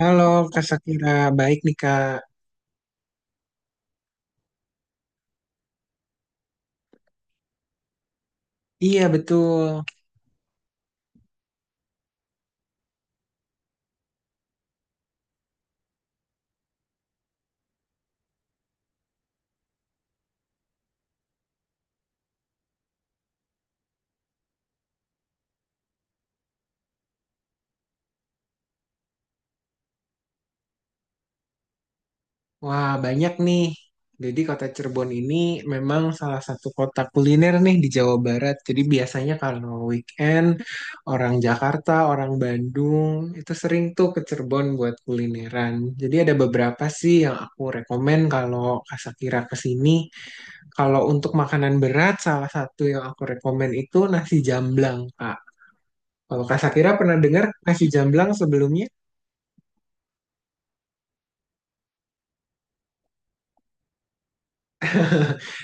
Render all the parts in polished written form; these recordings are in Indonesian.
Halo Kak Sakira, baik nih Kak. Iya betul. Wah banyak nih. Jadi kota Cirebon ini memang salah satu kota kuliner nih di Jawa Barat. Jadi biasanya kalau weekend orang Jakarta, orang Bandung itu sering tuh ke Cirebon buat kulineran. Jadi ada beberapa sih yang aku rekomen kalau Kak Sakira ke sini. Kalau untuk makanan berat, salah satu yang aku rekomen itu nasi jamblang Kak. Kalau Kak Sakira pernah dengar nasi jamblang sebelumnya?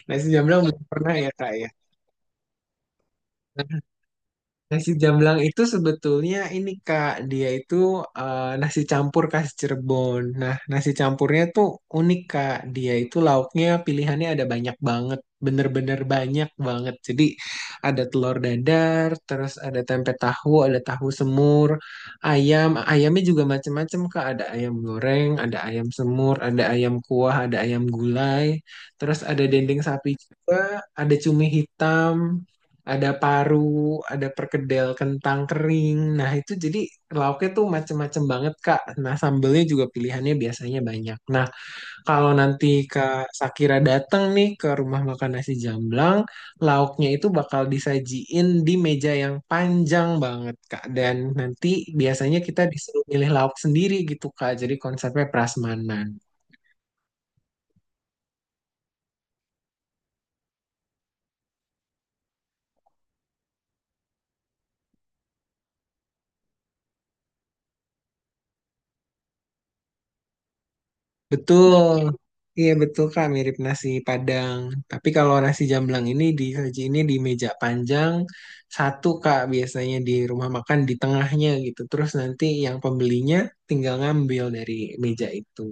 Nasi jamblang belum pernah ya kak ya. Nasi jamblang itu sebetulnya ini kak dia itu nasi campur khas Cirebon. Nah, nasi campurnya tuh unik kak. Dia itu lauknya pilihannya ada banyak banget, bener-bener banyak banget. Jadi ada telur dadar, terus ada tempe tahu, ada tahu semur, ayam. Ayamnya juga macem-macem kak. Ada ayam goreng, ada ayam semur, ada ayam kuah, ada ayam gulai. Terus ada dendeng sapi juga, ada cumi hitam, ada paru, ada perkedel kentang kering. Nah, itu jadi lauknya tuh macem-macem banget, Kak. Nah, sambelnya juga pilihannya biasanya banyak. Nah, kalau nanti Kak Sakira datang nih ke rumah makan nasi jamblang, lauknya itu bakal disajiin di meja yang panjang banget, Kak. Dan nanti biasanya kita disuruh milih lauk sendiri gitu, Kak. Jadi konsepnya prasmanan. Betul. Iya betul Kak, mirip nasi Padang. Tapi kalau nasi jamblang ini di meja panjang satu Kak, biasanya di rumah makan di tengahnya gitu. Terus nanti yang pembelinya tinggal ngambil dari meja itu.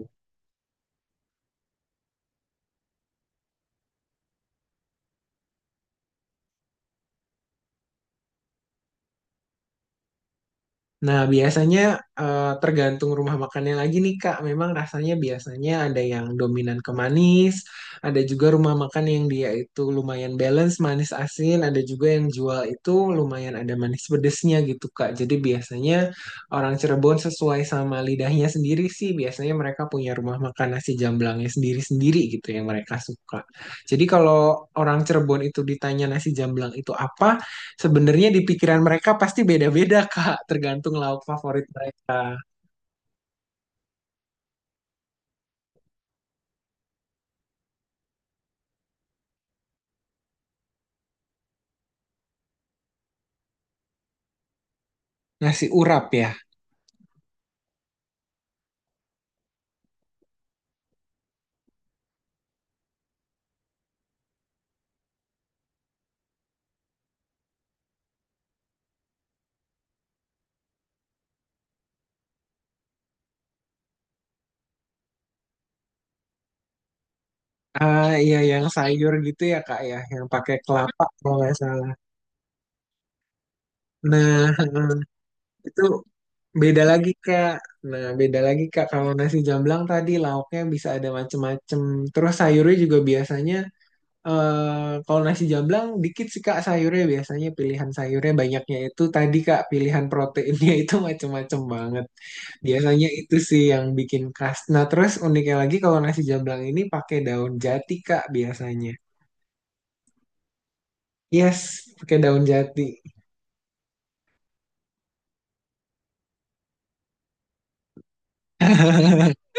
Nah, biasanya tergantung rumah makannya lagi nih, Kak. Memang rasanya biasanya ada yang dominan ke manis, ada juga rumah makan yang dia itu lumayan balance manis asin, ada juga yang jual itu lumayan ada manis pedesnya gitu, Kak. Jadi biasanya orang Cirebon sesuai sama lidahnya sendiri sih, biasanya mereka punya rumah makan nasi jamblangnya sendiri-sendiri gitu yang mereka suka. Jadi kalau orang Cirebon itu ditanya nasi jamblang itu apa, sebenarnya di pikiran mereka pasti beda-beda, Kak, tergantung lauk favorit mereka. Nasi urap ya. Ah, iya yang sayur gitu ya, Kak ya, yang pakai kelapa kalau nggak salah. Nah, itu beda lagi, Kak. Nah, beda lagi, Kak. Kalau nasi jamblang tadi lauknya bisa ada macem-macem. Terus sayurnya juga biasanya kalau nasi jamblang dikit sih Kak sayurnya biasanya pilihan sayurnya banyaknya itu tadi Kak pilihan proteinnya itu macem-macem banget. Biasanya itu sih yang bikin khas. Nah, terus uniknya lagi kalau nasi jamblang ini pakai daun jati, Kak, biasanya. Yes, pakai daun jati.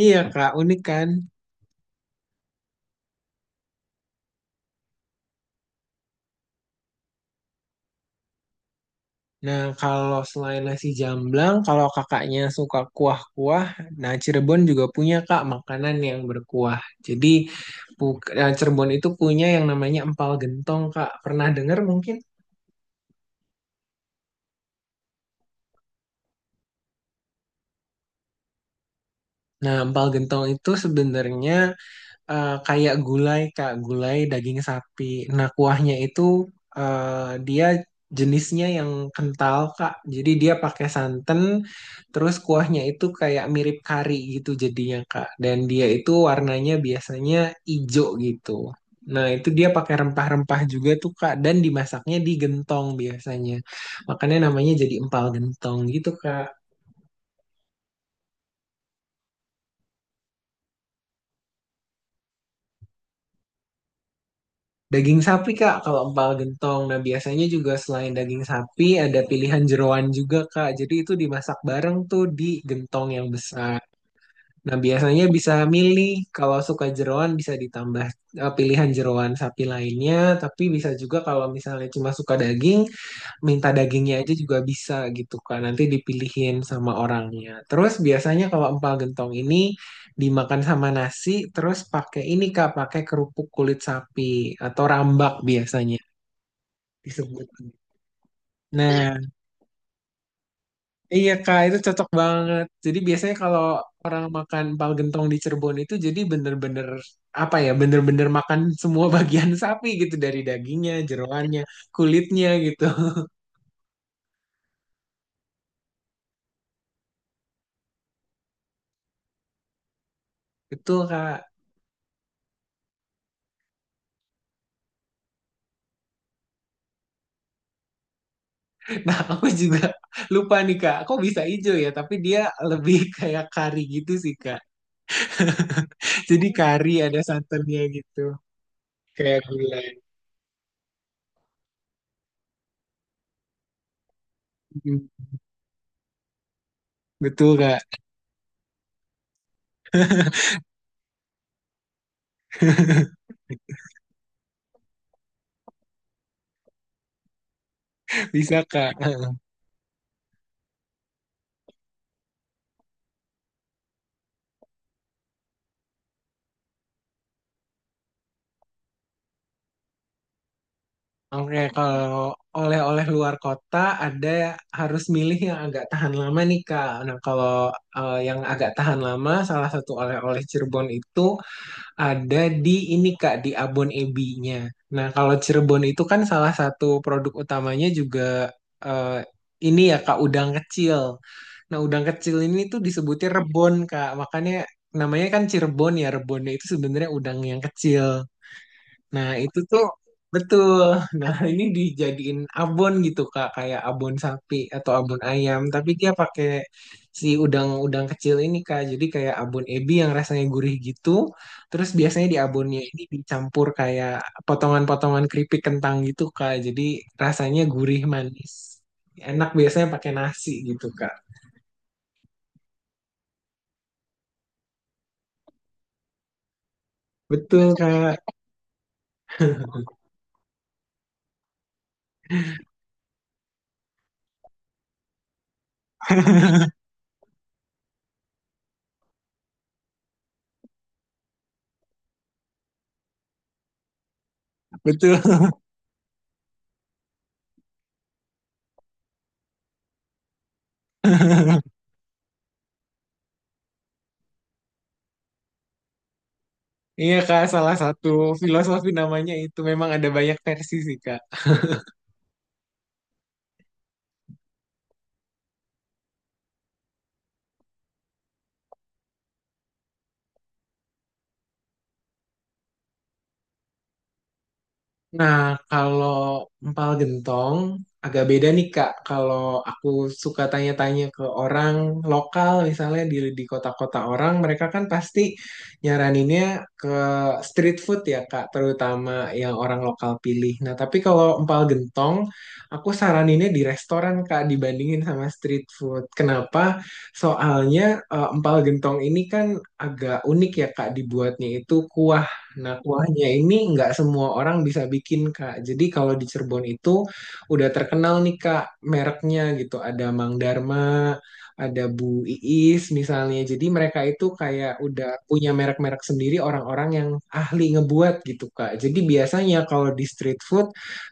Iya, Kak, unik kan? Nah, kalau selain nasi jamblang, kalau kakaknya suka kuah-kuah, nah Cirebon juga punya, Kak, makanan yang berkuah. Jadi, nah, Cirebon itu punya yang namanya empal gentong, Kak. Pernah dengar mungkin? Nah, empal gentong itu sebenarnya kayak gulai, Kak, gulai daging sapi. Nah, kuahnya itu dia jenisnya yang kental, Kak. Jadi dia pakai santan, terus kuahnya itu kayak mirip kari gitu jadinya, Kak. Dan dia itu warnanya biasanya ijo gitu. Nah, itu dia pakai rempah-rempah juga tuh, Kak, dan dimasaknya di gentong biasanya. Makanya namanya jadi empal gentong gitu, Kak. Daging sapi Kak, kalau empal gentong. Nah, biasanya juga selain daging sapi ada pilihan jeroan juga Kak. Jadi itu dimasak bareng tuh di gentong yang besar. Nah, biasanya bisa milih kalau suka jeroan bisa ditambah pilihan jeroan sapi lainnya, tapi bisa juga kalau misalnya cuma suka daging minta dagingnya aja juga bisa gitu kan. Nanti dipilihin sama orangnya. Terus biasanya kalau empal gentong ini dimakan sama nasi terus pakai ini kak pakai kerupuk kulit sapi atau rambak biasanya disebut. Nah iya kak itu cocok banget. Jadi biasanya kalau orang makan empal gentong di Cirebon itu jadi bener-bener apa ya bener-bener makan semua bagian sapi gitu, dari dagingnya, jeroannya, kulitnya gitu. Betul kak. Nah, aku juga lupa nih Kak. Kok bisa hijau ya? Tapi dia lebih kayak kari gitu sih Kak. Jadi kari ada santannya gitu. Kayak gulai. Mm, betul Kak. Bisa Kak. Heeh. Oke, kalau oleh-oleh luar kota ada harus milih yang agak tahan lama nih Kak. Nah, kalau yang agak tahan lama, salah satu oleh-oleh Cirebon itu ada di ini Kak, di abon ebi-nya. Nah, kalau Cirebon itu kan salah satu produk utamanya juga eh, ini ya Kak, udang kecil. Nah, udang kecil ini tuh disebutnya rebon Kak, makanya namanya kan Cirebon ya, rebonnya itu sebenarnya udang yang kecil. Nah, itu tuh betul. Nah, ini dijadiin abon gitu, Kak, kayak abon sapi atau abon ayam, tapi dia pakai si udang-udang kecil ini, Kak. Jadi kayak abon ebi yang rasanya gurih gitu. Terus biasanya di abonnya ini dicampur kayak potongan-potongan keripik kentang gitu, Kak. Jadi rasanya gurih manis. Enak biasanya pakai nasi gitu, Kak. Betul, Kak. Betul. Iya, Kak, salah satu filosofi namanya itu memang ada banyak versi sih, Kak. Nah, kalau empal gentong agak beda nih Kak. Kalau aku suka tanya-tanya ke orang lokal misalnya di kota-kota orang, mereka kan pasti nyaraninnya ke street food ya Kak, terutama yang orang lokal pilih. Nah, tapi kalau empal gentong, aku saraninnya di restoran Kak dibandingin sama street food. Kenapa? Soalnya empal gentong ini kan agak unik ya Kak dibuatnya itu kuah. Nah, kuahnya ini nggak semua orang bisa bikin, Kak. Jadi kalau di Cirebon itu udah terkenal nih, Kak, mereknya gitu. Ada Mang Dharma, ada Bu Iis misalnya. Jadi mereka itu kayak udah punya merek-merek sendiri orang-orang yang ahli ngebuat gitu, Kak. Jadi biasanya kalau di street food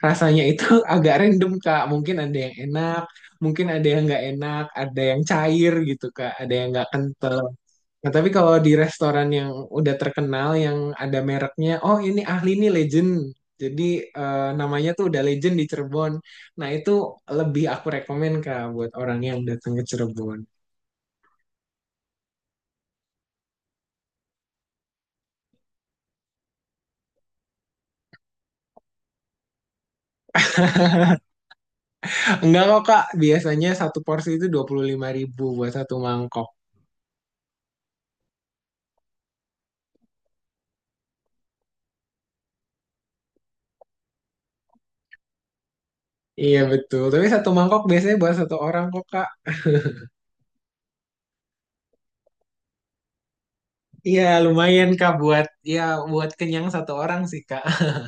rasanya itu agak random, Kak. Mungkin ada yang enak, mungkin ada yang nggak enak, ada yang cair gitu, Kak. Ada yang nggak kental. Nah, tapi kalau di restoran yang udah terkenal, yang ada mereknya, oh ini ahli nih legend. Jadi namanya tuh udah legend di Cirebon. Nah, itu lebih aku rekomen Kak buat orang yang datang ke Cirebon. Enggak kok Kak, biasanya satu porsi itu 25 ribu buat satu mangkok. Iya betul, tapi satu mangkok biasanya buat satu orang kok Kak. Iya, lumayan Kak buat ya buat kenyang satu orang sih Kak.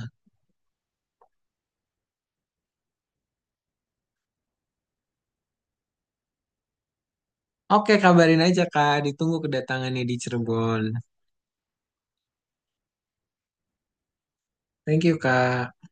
Oke, kabarin aja Kak, ditunggu kedatangannya di Cirebon. Thank you Kak.